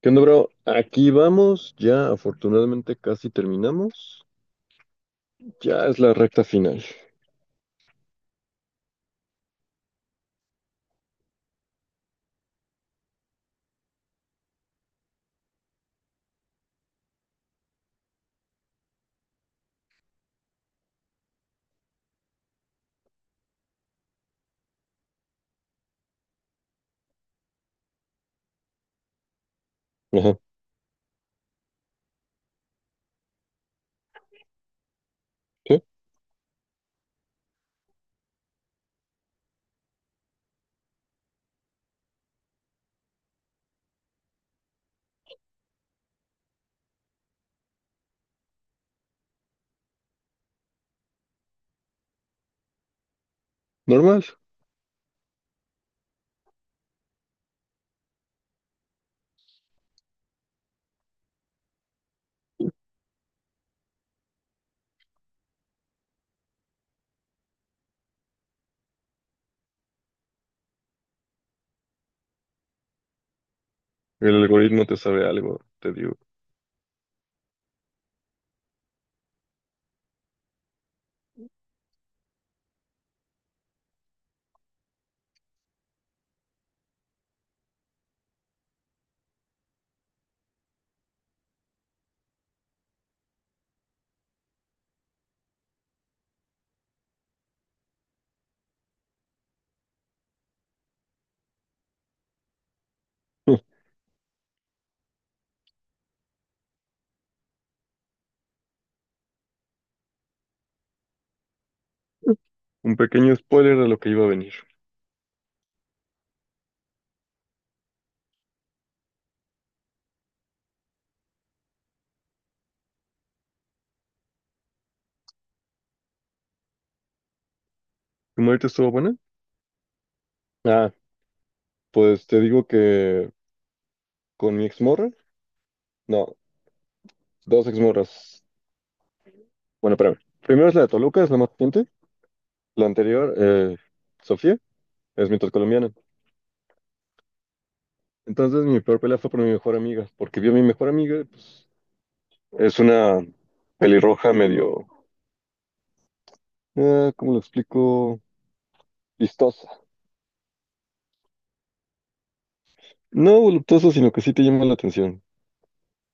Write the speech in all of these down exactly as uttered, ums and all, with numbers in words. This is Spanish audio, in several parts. ¿Qué onda, bro? Aquí vamos, ya afortunadamente casi terminamos. Ya es la recta final. Ajá, ¿sí? Normal. El algoritmo te sabe algo, te digo. Un pequeño spoiler de lo que iba a venir. ¿Tu muerte estuvo buena? Ah, pues te digo que con mi exmorra, no, dos exmorras. Bueno, espérame. Primero es la de Toluca, es la más reciente. La anterior, eh, Sofía, es mitad colombiana. Entonces mi peor pelea fue por mi mejor amiga, porque vio a mi mejor amiga, pues es una pelirroja medio, ah, ¿cómo lo explico? Vistosa. No voluptuosa, sino que sí te llama la atención.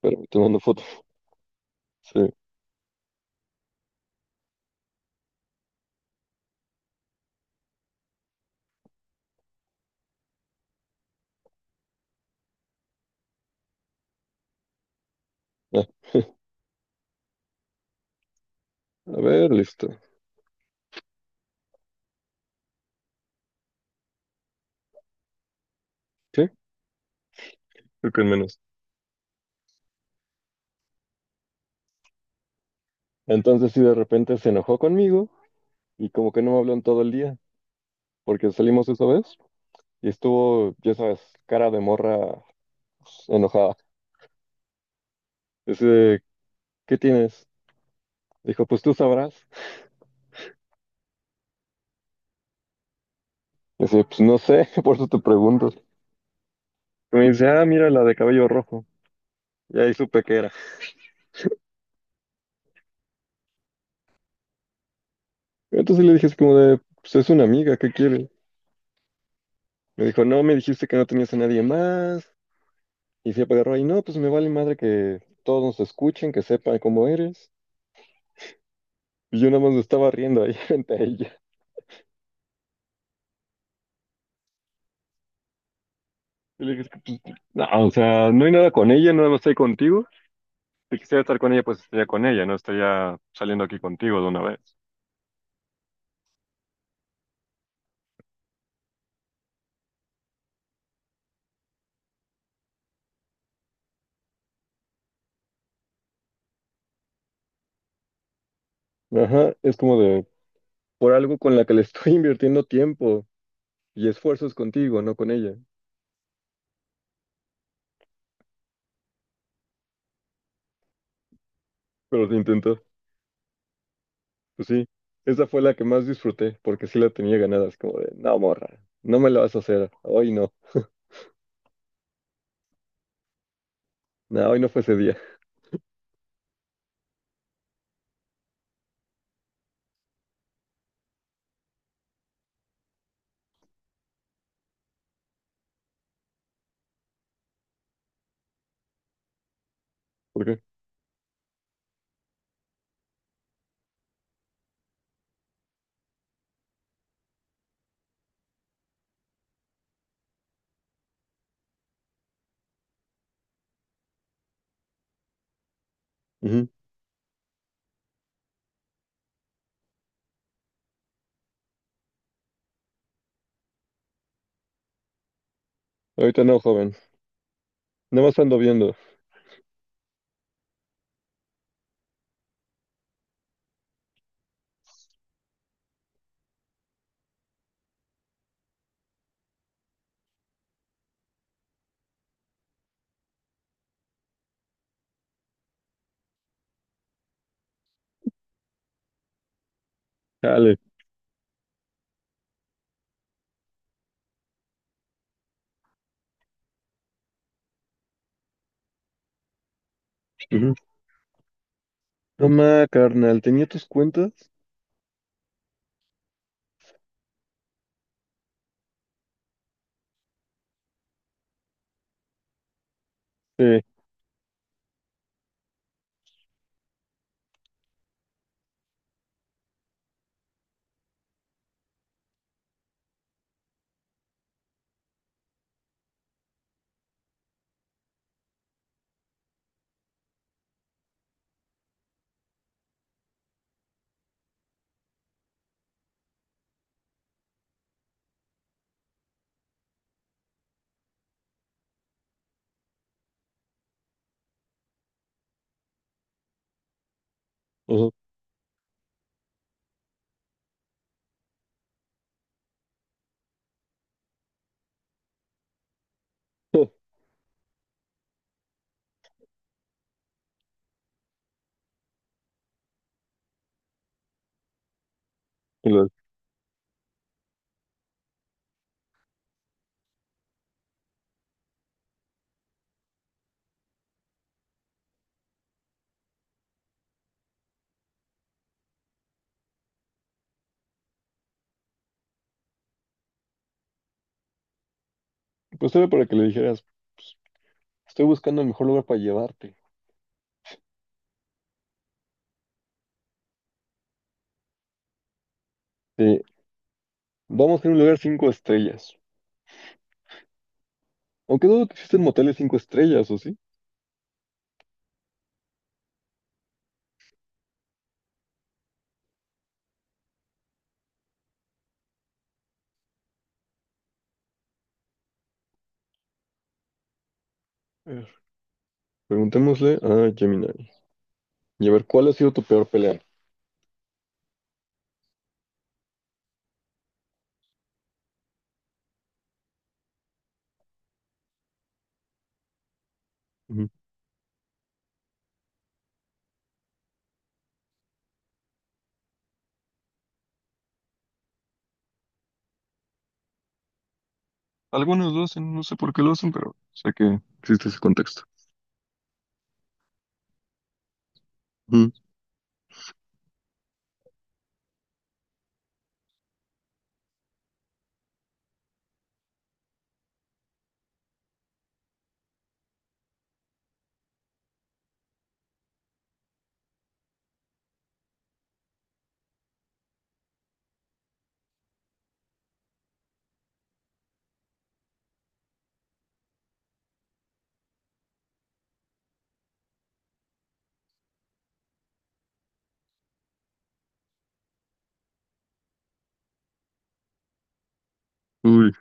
Pero te mando fotos. Sí. Ah, a ver, listo. Sí, creo que en menos. Entonces, sí, de repente se enojó conmigo y como que no me habló en todo el día, porque salimos esa vez y estuvo, ya sabes, cara de morra, pues, enojada. Dice, ¿qué tienes? Dijo, pues tú sabrás. Dice, pues no sé, por eso te pregunto. Y me dice, ah, mira la de cabello rojo. Y ahí supe que era. Entonces le dije así como de, pues es una amiga, ¿qué quiere? Me dijo, no, me dijiste que no tenías a nadie más. Y se agarró ahí, no, pues me vale madre que todos nos escuchen, que sepan cómo eres. Y yo nada más me estaba riendo ahí frente a ella. Y le dije, no, o sea, no hay nada con ella, nada más estoy contigo. Si quisiera estar con ella, pues estaría con ella, no estaría saliendo aquí contigo de una vez. Ajá, es como de, por algo con la que le estoy invirtiendo tiempo y esfuerzos contigo, no con ella. Pero se intentó. Pues sí, esa fue la que más disfruté, porque sí la tenía ganadas como de, no, morra, no me la vas a hacer, hoy no, no, hoy no fue ese día. ¿Por qué? Ujú. Ahorita no, joven, nada más ando viendo. Dale. Ujú. No ma, carnal, ¿tenía tus cuentas? Sí. Ujú. Y lo- Pues era para que le dijeras, estoy buscando el mejor lugar para llevarte. Sí, vamos a ir a un lugar cinco estrellas. Aunque dudo que existen moteles cinco estrellas, ¿o sí? A ver, preguntémosle a Gemini y a ver cuál ha sido tu peor pelea. Algunos lo hacen, no sé por qué lo hacen, pero sé que existe ese contexto. Ujú. Uy,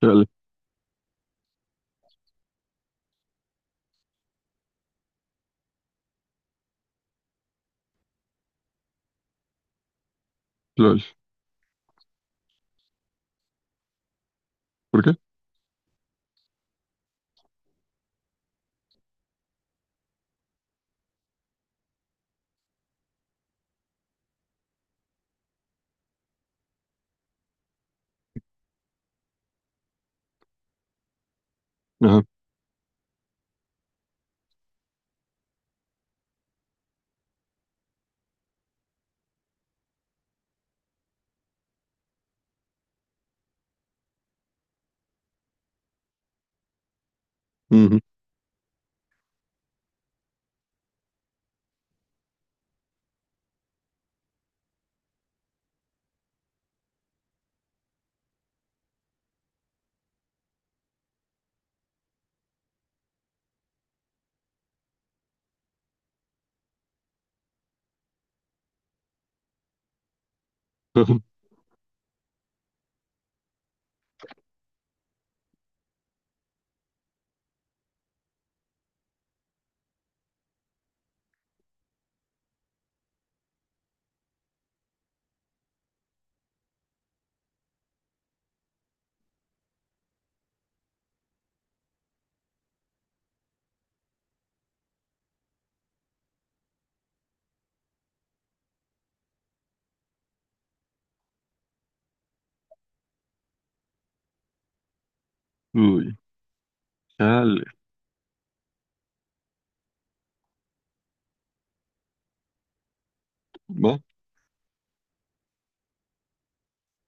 chale, lol. ¿Por qué? Ajá. Ujú, ajá. Uy, chale. Va.